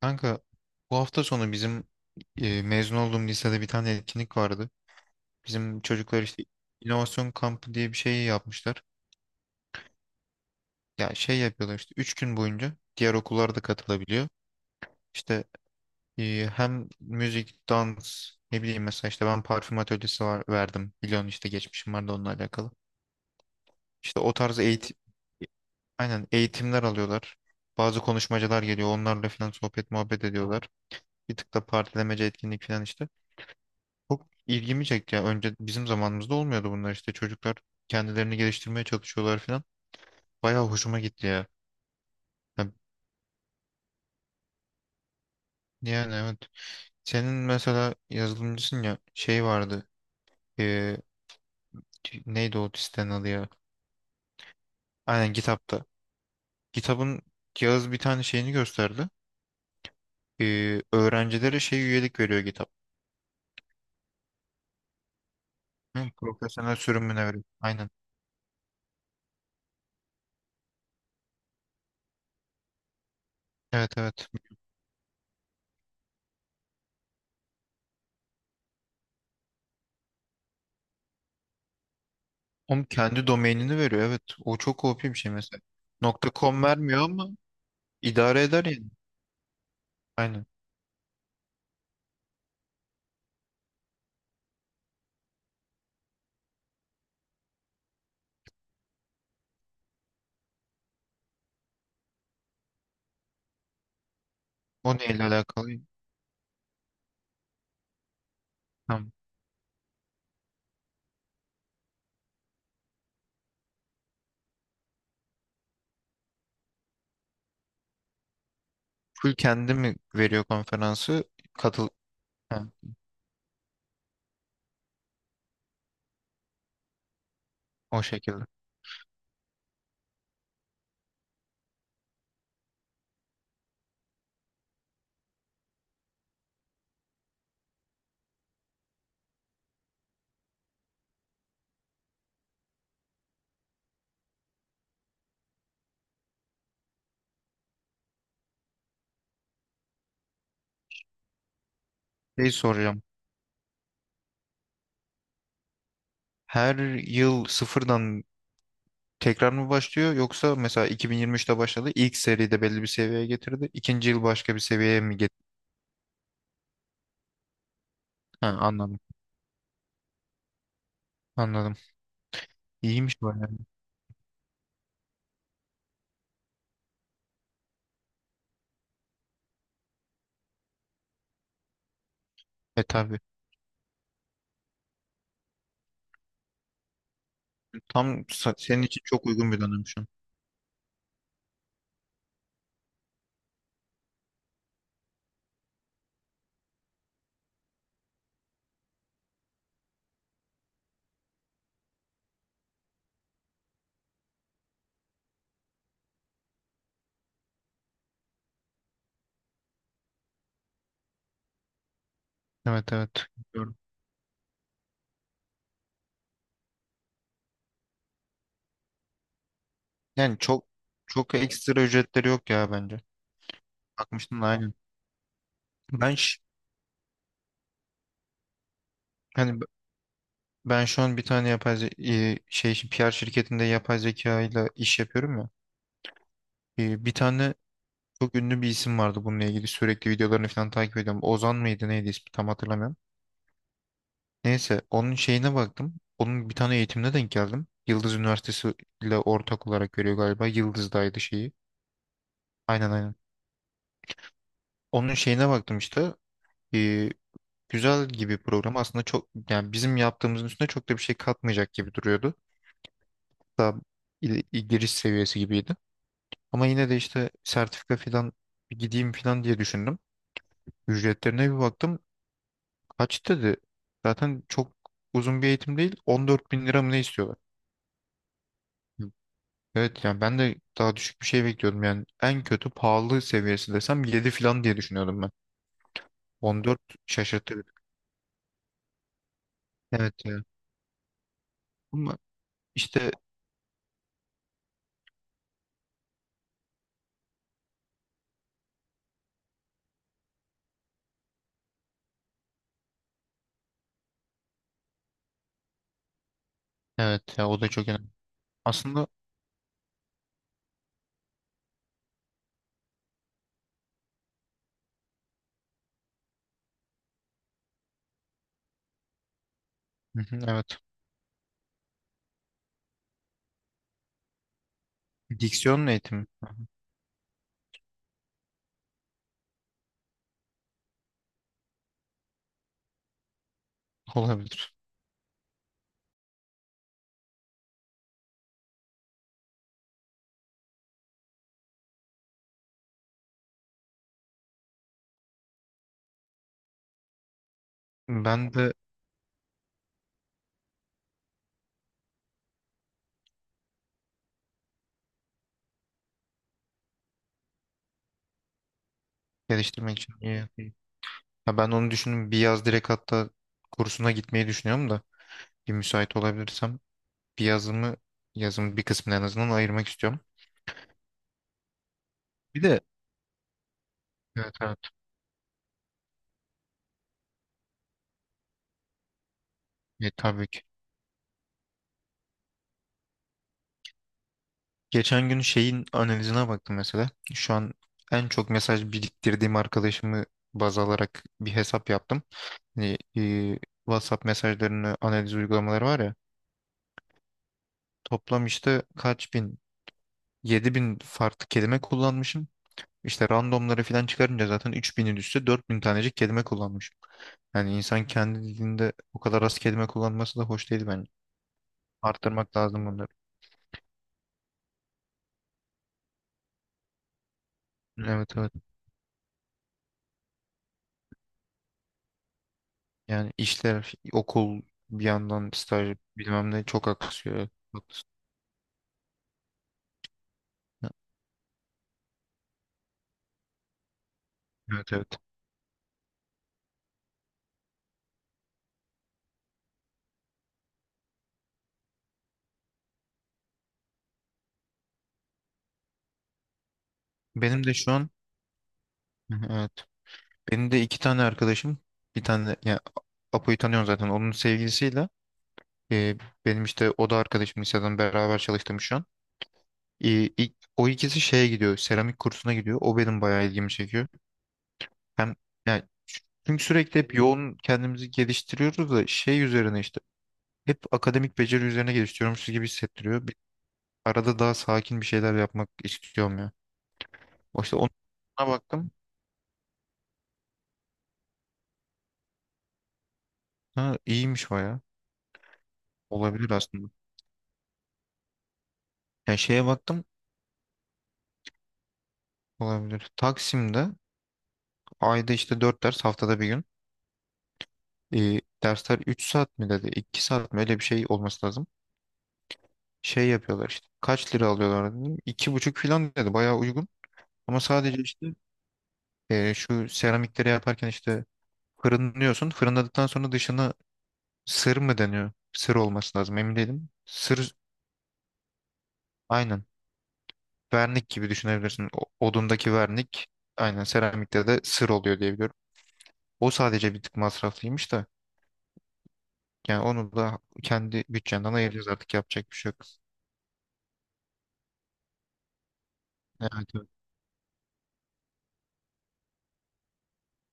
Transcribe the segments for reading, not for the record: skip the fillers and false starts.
Kanka, bu hafta sonu bizim mezun olduğum lisede bir tane etkinlik vardı. Bizim çocuklar işte inovasyon kampı diye bir şey yapmışlar. Ya şey yapıyorlar işte 3 gün boyunca diğer okullar da katılabiliyor. İşte hem müzik, dans ne bileyim mesela işte ben parfüm atölyesi var, verdim. Biliyorsun işte geçmişim vardı onunla alakalı. İşte o tarz eğitim, aynen eğitimler alıyorlar. Bazı konuşmacılar geliyor onlarla falan sohbet muhabbet ediyorlar. Bir tık da partilemece etkinlik falan işte. Çok ilgimi çekti ya. Önce bizim zamanımızda olmuyordu bunlar işte. Çocuklar kendilerini geliştirmeye çalışıyorlar falan. Bayağı hoşuma gitti ya. Ya- Yani evet. Senin mesela yazılımcısın ya şey vardı. Ee, neydi o sitenin adı ya? Aynen GitHub'da. GitHub'ın Yağız bir tane şeyini gösterdi. Öğrencilere şey üyelik veriyor GitHub. Hı, profesyonel sürümüne veriyor. Aynen. Evet evet. Onun kendi domainini veriyor. Evet. O çok OP bir şey mesela. .com vermiyor ama idare eder yani. Aynen. O neyle alakalı? Tamam. Full kendi mi veriyor konferansı? Katıl... Ha, o şekilde. Şey soracağım. Her yıl sıfırdan tekrar mı başlıyor yoksa mesela 2023'te başladı. İlk seride belli bir seviyeye getirdi. İkinci yıl başka bir seviyeye mi getirdi? Ha, anladım. Anladım. İyiymiş bayağı. E tabii. Senin için çok uygun bir dönem şu an. Evet evet. Biliyorum. Yani çok çok ekstra ücretleri yok ya bence. Bakmıştım da aynen. Ben ş- hani Ben şu an bir tane şey için PR şirketinde yapay zeka ile iş yapıyorum ya. Bir tane çok ünlü bir isim vardı bununla ilgili sürekli videolarını falan takip ediyorum. Ozan mıydı neydi ismi tam hatırlamıyorum. Neyse onun şeyine baktım. Onun bir tane eğitimine denk geldim. Yıldız Üniversitesi ile ortak olarak veriyor galiba. Yıldız'daydı şeyi. Aynen aynen. Onun şeyine baktım işte. E, Güzel gibi program aslında çok yani bizim yaptığımızın üstüne çok da bir şey katmayacak gibi duruyordu. Daha giriş seviyesi gibiydi. Ama yine de işte sertifika falan bir gideyim falan diye düşündüm. Ücretlerine bir baktım. Kaç dedi? Zaten çok uzun bir eğitim değil. 14 bin lira mı ne istiyorlar? Evet yani ben de daha düşük bir şey bekliyordum. Yani en kötü pahalı seviyesi desem 7 falan diye düşünüyordum ben. 14 şaşırttı beni. Evet ya. Ama işte evet ya o da çok önemli. Aslında. Hı hı, evet. Diksiyon eğitimi olabilir. Ben de geliştirmek için iyi. Ha ben onu düşündüm. Bir yaz direkt hatta kursuna gitmeyi düşünüyorum da bir müsait olabilirsem bir yazımı yazımın bir kısmını en azından ayırmak istiyorum. Bir de. Evet evet. E, tabii ki. Geçen gün şeyin analizine baktım mesela. Şu an en çok mesaj biriktirdiğim arkadaşımı baz alarak bir hesap yaptım. Hani, WhatsApp mesajlarını analiz uygulamaları var ya. Toplam işte kaç bin? 7 bin farklı kelime kullanmışım. İşte randomları falan çıkarınca zaten 3000'in üstü 4000 tanecik kelime kullanmış. Yani insan kendi dilinde o kadar az kelime kullanması da hoş değil bence. Arttırmak lazım bunları. Evet evet. Yani işler, okul, bir yandan staj bilmem ne çok aksıyor. Haklısın. Evet evet. Benim de şu an evet. Benim de iki tane arkadaşım bir tane yani Apo'yu tanıyorsun zaten onun sevgilisiyle e, benim işte o da arkadaşım liseden beraber çalıştığım şu an. E, o ikisi şeye gidiyor. Seramik kursuna gidiyor. O benim bayağı ilgimi çekiyor. Hem yani çünkü sürekli hep yoğun kendimizi geliştiriyoruz da şey üzerine işte hep akademik beceri üzerine geliştiriyormuşuz gibi hissettiriyor. Bir, arada daha sakin bir şeyler yapmak istiyorum ya. O işte ona baktım. Ha, iyiymiş bayağı. Olabilir aslında. Yani şeye baktım. Olabilir. Taksim'de ayda işte 4 ders haftada bir gün. Dersler 3 saat mi dedi? 2 saat mi? Öyle bir şey olması lazım. Şey yapıyorlar işte. Kaç lira alıyorlar dedim. İki buçuk falan dedi. Bayağı uygun. Ama sadece işte şu seramikleri yaparken işte fırınlıyorsun. Fırınladıktan sonra dışına sır mı deniyor? Sır olması lazım. Emin değilim. Sır aynen. Vernik gibi düşünebilirsin. Odundaki vernik aynen seramikte de sır oluyor diye biliyorum. O sadece bir tık masraflıymış da. Yani onu da kendi bütçenden ayıracağız artık yapacak bir şey yok. Evet evet.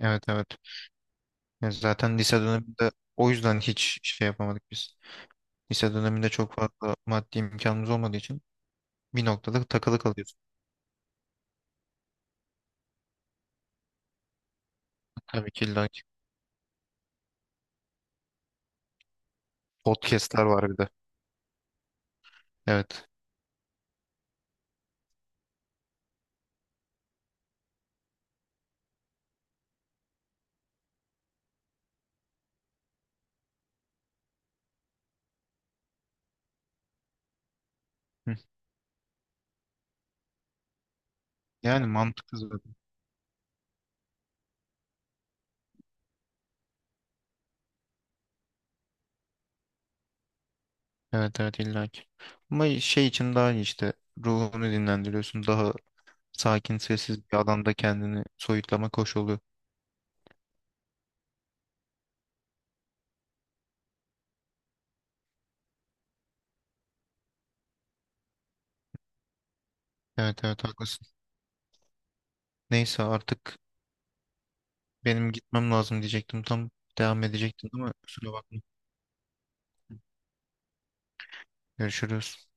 Evet evet. Yani zaten lise döneminde o yüzden hiç şey yapamadık biz. Lise döneminde çok fazla maddi imkanımız olmadığı için bir noktada takılı kalıyorsun. Tabii ki illa ki. Podcast'ler var bir de. Evet. Hı. Yani mantıklı zaten. Evet evet illa ki. Ama şey için daha iyi işte. Ruhunu dinlendiriyorsun. Daha sakin sessiz bir alanda kendini soyutlamak hoş oluyor. Evet evet haklısın. Neyse artık benim gitmem lazım diyecektim. Tam devam edecektim ama kusura bakma. Görüşürüz.